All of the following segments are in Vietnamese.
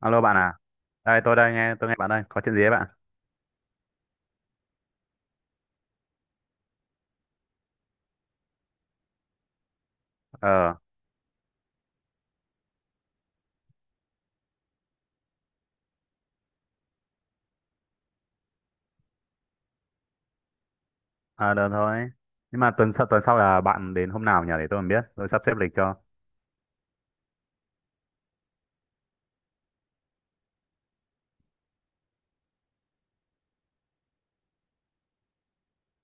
Alo bạn à, đây tôi nghe bạn đây, có chuyện gì ấy bạn? Ờ, à, được thôi. Nhưng mà tuần sau là bạn đến hôm nào nhỉ để tôi còn biết, tôi sắp xếp lịch cho.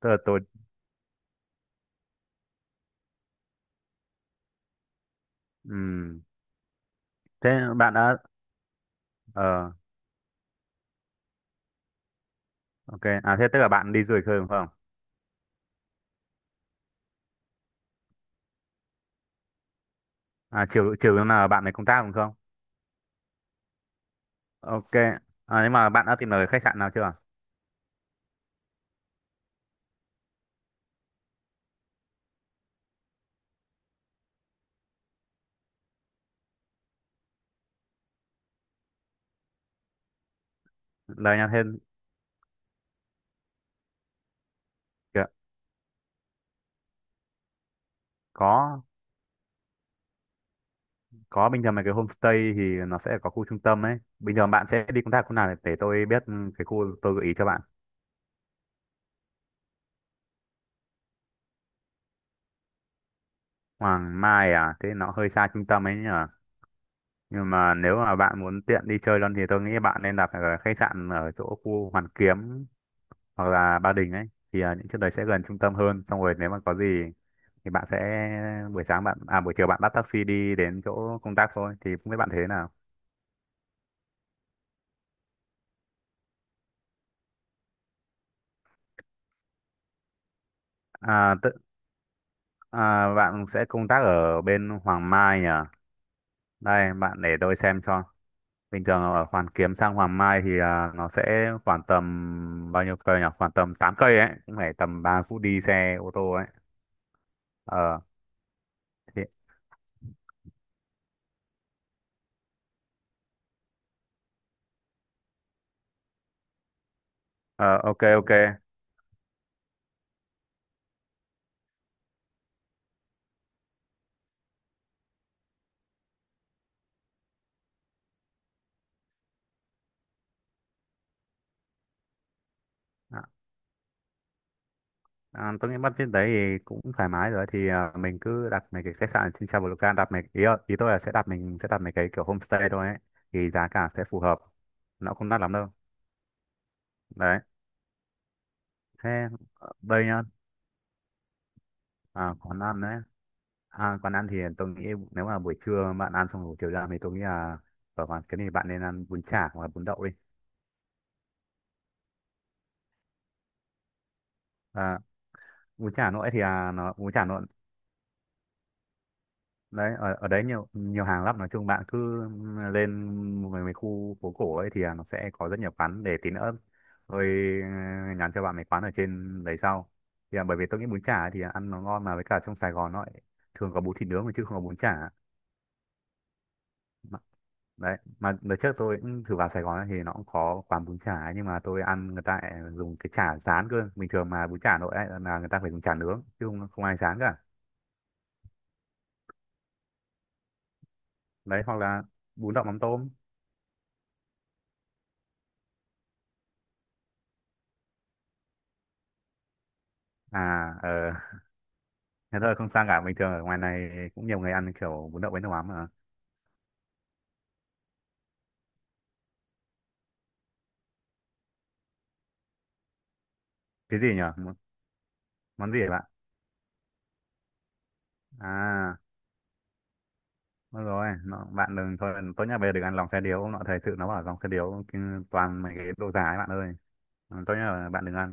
Tức là tôi, ừm, thế bạn đã, ờ, ok, à thế tức là bạn đi du lịch thôi đúng không? À chiều chiều là bạn này công tác đúng không? Ok, à, nhưng mà bạn đã tìm được khách sạn nào chưa? Đây nha thêm kìa, có có bình thường mấy cái homestay thì nó sẽ có khu trung tâm ấy. Bình thường bạn sẽ đi công tác khu nào để tôi biết ừ, cái khu tôi gợi ý cho bạn. Hoàng Mai à, thế nó hơi xa trung tâm ấy nhỉ? Nhưng mà nếu mà bạn muốn tiện đi chơi luôn thì tôi nghĩ bạn nên đặt ở khách sạn ở chỗ khu Hoàn Kiếm hoặc là Ba Đình ấy, thì à, những chỗ đấy sẽ gần trung tâm hơn xong rồi nếu mà có gì thì bạn sẽ buổi sáng bạn à buổi chiều bạn bắt taxi đi đến chỗ công tác thôi, thì không biết bạn thế nào. À, tự, à bạn sẽ công tác ở bên Hoàng Mai à, đây bạn để tôi xem cho. Bình thường ở Hoàn Kiếm sang Hoàng Mai thì à, nó sẽ khoảng tầm bao nhiêu cây nhỉ, khoảng tầm 8 cây ấy, cũng phải tầm 3 phút đi xe ô tô ấy. Ờ thì Ờ, ok ok. à, tôi nghĩ bắt budget đấy thì cũng thoải mái rồi thì à, mình cứ đặt mấy cái khách sạn ở trên Traveloka ý tôi là sẽ đặt mấy cái kiểu homestay thôi ấy, thì giá cả sẽ phù hợp, nó không đắt lắm đâu. Đấy, thế ờ, đây nhá, à, quán ăn đấy, à, quán ăn thì tôi nghĩ nếu mà buổi trưa bạn ăn xong buổi chiều ra thì tôi nghĩ là ở quán cái này bạn nên ăn bún chả hoặc là bún đậu đi. À, bún chả Hà nội đấy, ở ở đấy nhiều nhiều hàng lắm, nói chung bạn cứ lên mấy khu phố cổ ấy thì à, nó sẽ có rất nhiều quán để tí nữa tôi ờ, nhắn cho bạn mấy quán ở trên đấy sau, thì à, bởi vì tôi nghĩ bún chả thì ăn nó ngon, mà với cả trong Sài Gòn nó lại thường có bún thịt nướng mà chứ không có bún chả. Mà- đấy mà đợt trước tôi cũng thử vào Sài Gòn ấy, thì nó cũng có quán bún chả ấy, nhưng mà tôi ăn người ta lại dùng cái chả rán cơ, bình thường mà bún chả nội ấy, là người ta phải dùng chả nướng chứ không, không ai rán cả. Đấy, hoặc là bún đậu mắm tôm. à ờ Thế thôi không sao cả, bình thường ở ngoài này cũng nhiều người ăn kiểu bún đậu với nước mắm mà. Cái gì nhở món món gì vậy bạn? À, đúng rồi nó, bạn đừng, thôi tốt nhất bây giờ đừng ăn lòng xe điếu, ông nọ thời sự nó bảo lòng xe điếu toàn mấy cái đồ giả ấy bạn ơi. Ừ, tốt nhất là bạn đừng ăn.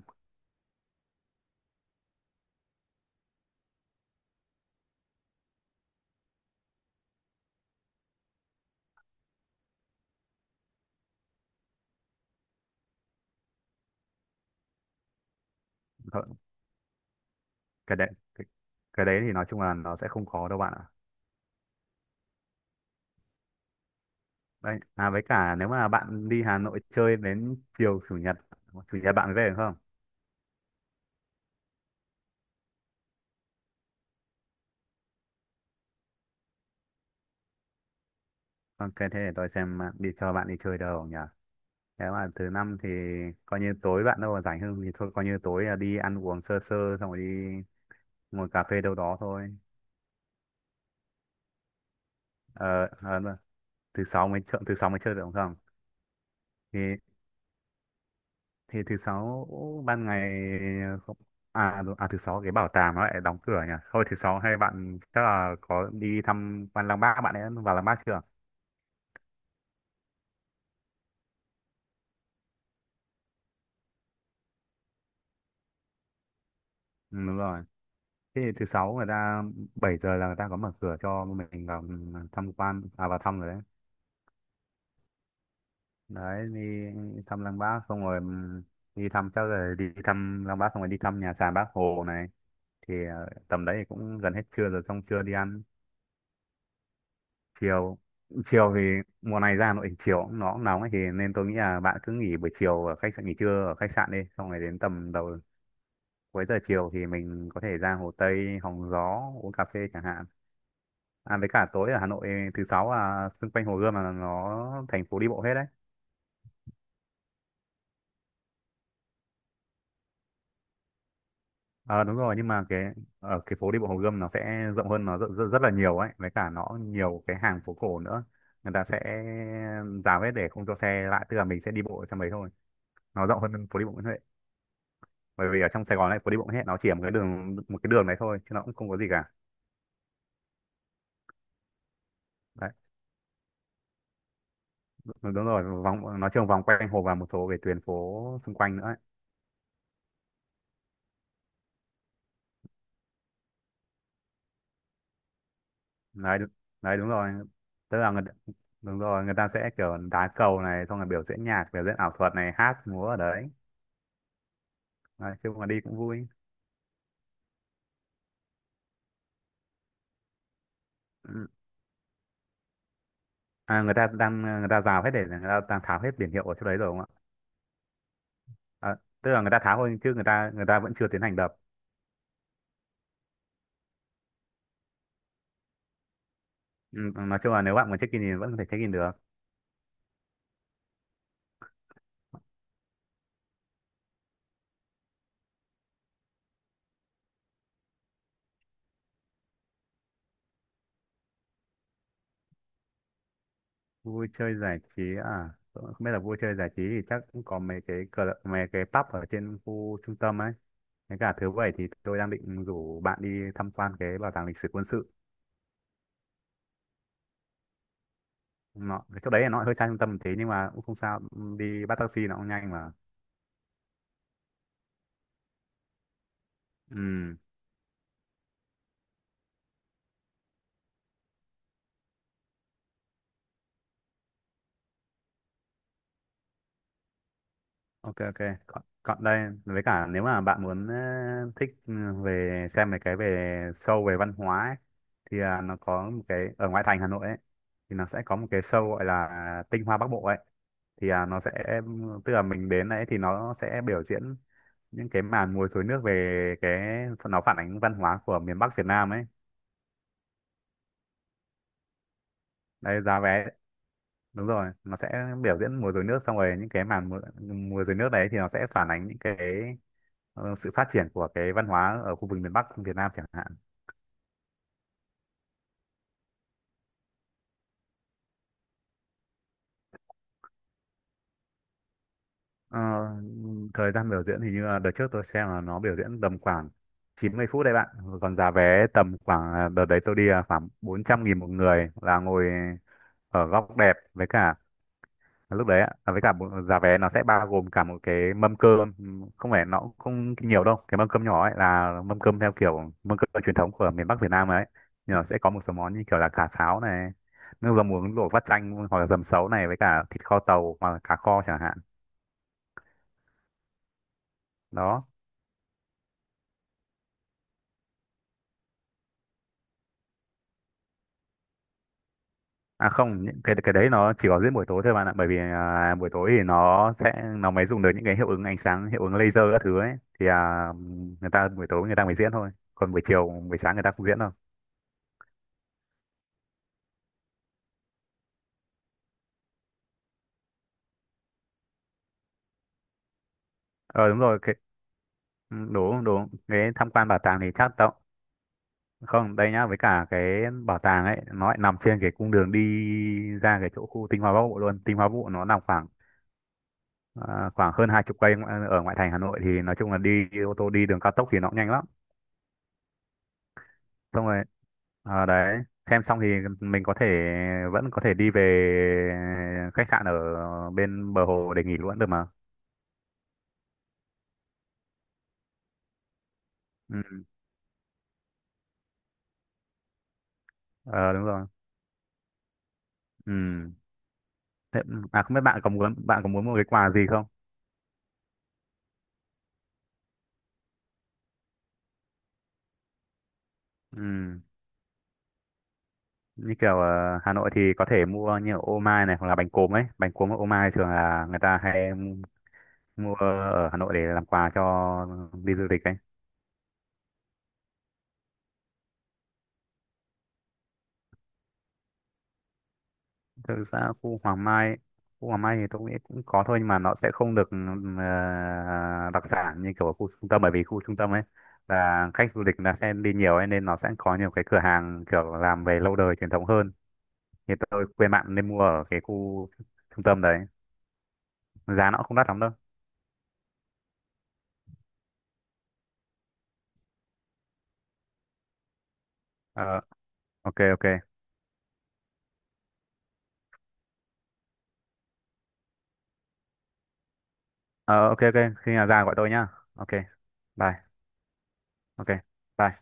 Thôi, cái đấy cái, cái đấy thì nói chung là nó sẽ không khó đâu bạn ạ. Đấy, à với cả nếu mà bạn đi Hà Nội chơi đến chiều chủ nhật, chủ nhật bạn về được không? Ok thế để tôi xem bạn đi, cho bạn đi chơi đâu nhỉ. Thế mà thứ năm thì coi như tối bạn đâu mà rảnh hơn thì thôi coi như tối là đi ăn uống sơ sơ xong rồi đi ngồi cà phê đâu đó thôi. Ờ, ờ, đúng rồi. Thứ sáu mới chơi, thứ sáu mới chơi được không? Không? Thì thì thứ sáu ban ngày không- thứ sáu cái bảo tàng nó lại đóng cửa nhỉ. Thôi thứ sáu hay bạn chắc là có đi thăm quan Lăng Bác, bạn ấy vào Lăng Bác chưa? Ừ, đúng rồi. Thế thì thứ sáu người ta 7 giờ là người ta có mở cửa cho mình vào thăm quan à vào thăm rồi đấy. Đấy, đi thăm Lăng Bác xong rồi đi thăm Lăng Bác xong rồi đi thăm nhà sàn Bác Hồ này, thì ờ, tầm đấy thì cũng gần hết trưa rồi, xong trưa đi ăn, chiều chiều thì mùa này ra Hà Nội thì chiều cũng nó cũng nóng ấy thì nên tôi nghĩ là bạn cứ nghỉ buổi chiều ở khách sạn, nghỉ trưa ở khách sạn đi xong rồi đến tầm cuối giờ chiều thì mình có thể ra Hồ Tây hóng gió uống cà phê chẳng hạn. À với cả tối ở Hà Nội thứ sáu là xung quanh Hồ Gươm là nó thành phố đi bộ hết đấy. Ờ đúng rồi, nhưng mà cái ở cái phố đi bộ Hồ Gươm nó sẽ rộng hơn, nó rất, rất, rất là nhiều ấy, với cả nó nhiều cái hàng phố cổ nữa, người ta sẽ rào hết để không cho xe lại, tức là mình sẽ đi bộ ở trong đấy thôi, nó rộng hơn phố đi bộ Nguyễn Huệ. Bởi vì ở trong Sài Gòn này phố đi bộ Nguyễn Huệ nó chỉ ở một cái đường, đấy thôi chứ nó cũng không có gì cả. Đấy đúng đúng rồi vòng nó trường vòng quanh hồ và một số cái tuyến phố xung quanh nữa ấy. Đấy đúng- đấy Đúng rồi, tức là người, đúng rồi người ta sẽ kiểu đá cầu này xong rồi biểu diễn nhạc, biểu diễn ảo thuật này, hát múa ở đấy. Đấy, chứ mà đi cũng vui. À, người ta rào hết để người ta đang tháo hết biển hiệu ở chỗ đấy rồi đúng không ạ? À, tức là người ta tháo thôi chứ người ta vẫn chưa tiến hành đập. Ừ, nói chung là nếu bạn muốn check-in thì vẫn có thể check-in được. Vui chơi giải trí à? Tôi không biết, là vui chơi giải trí thì chắc cũng có mấy cái cờ, mấy cái pub ở trên khu trung tâm ấy. Thế cả thứ bảy thì tôi đang định rủ bạn đi tham quan cái bảo tàng lịch sử quân sự. Nó cái chỗ đấy là nó hơi xa trung tâm một tí nhưng mà cũng không sao. Ừ, đi bắt taxi nó cũng nhanh mà. Ừ. Ok ok, còn, còn đây với cả nếu mà bạn muốn ờ, thích ừ, về xem mấy cái về show về văn hóa ấy, thì à, nó có một cái ở ngoại thành Hà Nội ấy, thì nó sẽ có một cái show gọi là Tinh Hoa Bắc Bộ ấy, thì à, nó sẽ tức là mình đến đấy thì nó sẽ biểu diễn những cái màn múa rối nước, về cái nó phản ánh văn hóa của miền Bắc Việt Nam ấy. Đây giá vé, đúng rồi nó sẽ biểu diễn múa rối nước xong rồi những cái múa rối nước đấy thì nó sẽ phản ánh những cái ờ, sự phát triển của cái văn hóa ở khu vực miền Bắc Việt Nam chẳng hạn. Ờ, thời gian biểu diễn thì như là đợt trước tôi xem là nó biểu diễn tầm khoảng 90 phút đấy bạn. Còn giá vé tầm khoảng à, đợt đấy tôi đi là khoảng 400.000 một người, là ngồi ở góc đẹp, với cả à, lúc đấy ạ à, với cả một giá vé nó sẽ bao gồm cả một cái mâm cơm. Ừ, không phải nó cũng không nhiều đâu, cái mâm cơm nhỏ ấy là mâm cơm theo kiểu mâm cơm truyền thống của miền Bắc Việt Nam ấy, nhưng mà sẽ có một số món như kiểu là cà pháo này, nước dầm muối luộc vắt chanh, hoặc là dầm sấu này, với cả thịt kho tàu hoặc là cá kho chẳng hạn. Đó, à không, những cái đấy nó chỉ có diễn buổi tối thôi bạn ạ, bởi vì à, buổi tối thì nó mới dùng được những cái hiệu ứng ánh sáng, hiệu ứng laser các thứ ấy, thì à, người ta buổi tối người ta mới diễn thôi, còn buổi chiều buổi sáng người ta không diễn đâu. Ờ đúng rồi cái ừ, đúng đúng cái tham quan bảo tàng thì chắc tao không đây nhá, với cả cái bảo tàng ấy nó lại nằm trên cái cung đường đi ra cái chỗ khu Tinh Hoa Bắc Bộ luôn. Tinh Hoa Bắc Bộ nó nằm khoảng à, khoảng hơn 20 cây ở ngoại thành Hà Nội, thì nói chung là đi ô tô đi đường cao tốc thì nó cũng nhanh lắm. Xong rồi à, đấy xem xong thì mình có thể vẫn có thể đi về khách sạn ở bên bờ hồ để nghỉ luôn được mà. Ừ. Ờ, đúng rồi. Ừ. Thế, à không biết bạn có muốn một cái quà gì không? Ừ. Như kiểu ờ, Hà Nội thì có thể mua như ở ô mai này hoặc là bánh cốm ấy. Bánh cốm ở ô mai thường là người ta hay mua ở Hà Nội để làm quà cho đi du lịch ấy. Thực ra khu Hoàng Mai thì tôi nghĩ cũng có thôi, nhưng mà nó sẽ không được đặc sản như kiểu ở khu trung tâm, bởi vì khu trung tâm ấy là khách du lịch là sẽ đi nhiều ấy, nên nó sẽ có nhiều cái cửa hàng kiểu làm về lâu đời truyền thống hơn. Thì tôi khuyên bạn nên mua ở cái khu trung tâm đấy. Giá nó cũng không đắt lắm đâu. Ờ, ok ok. Ờ ok ok, khi nào ra gọi tôi nhá. Ok, bye. Ok. Bye.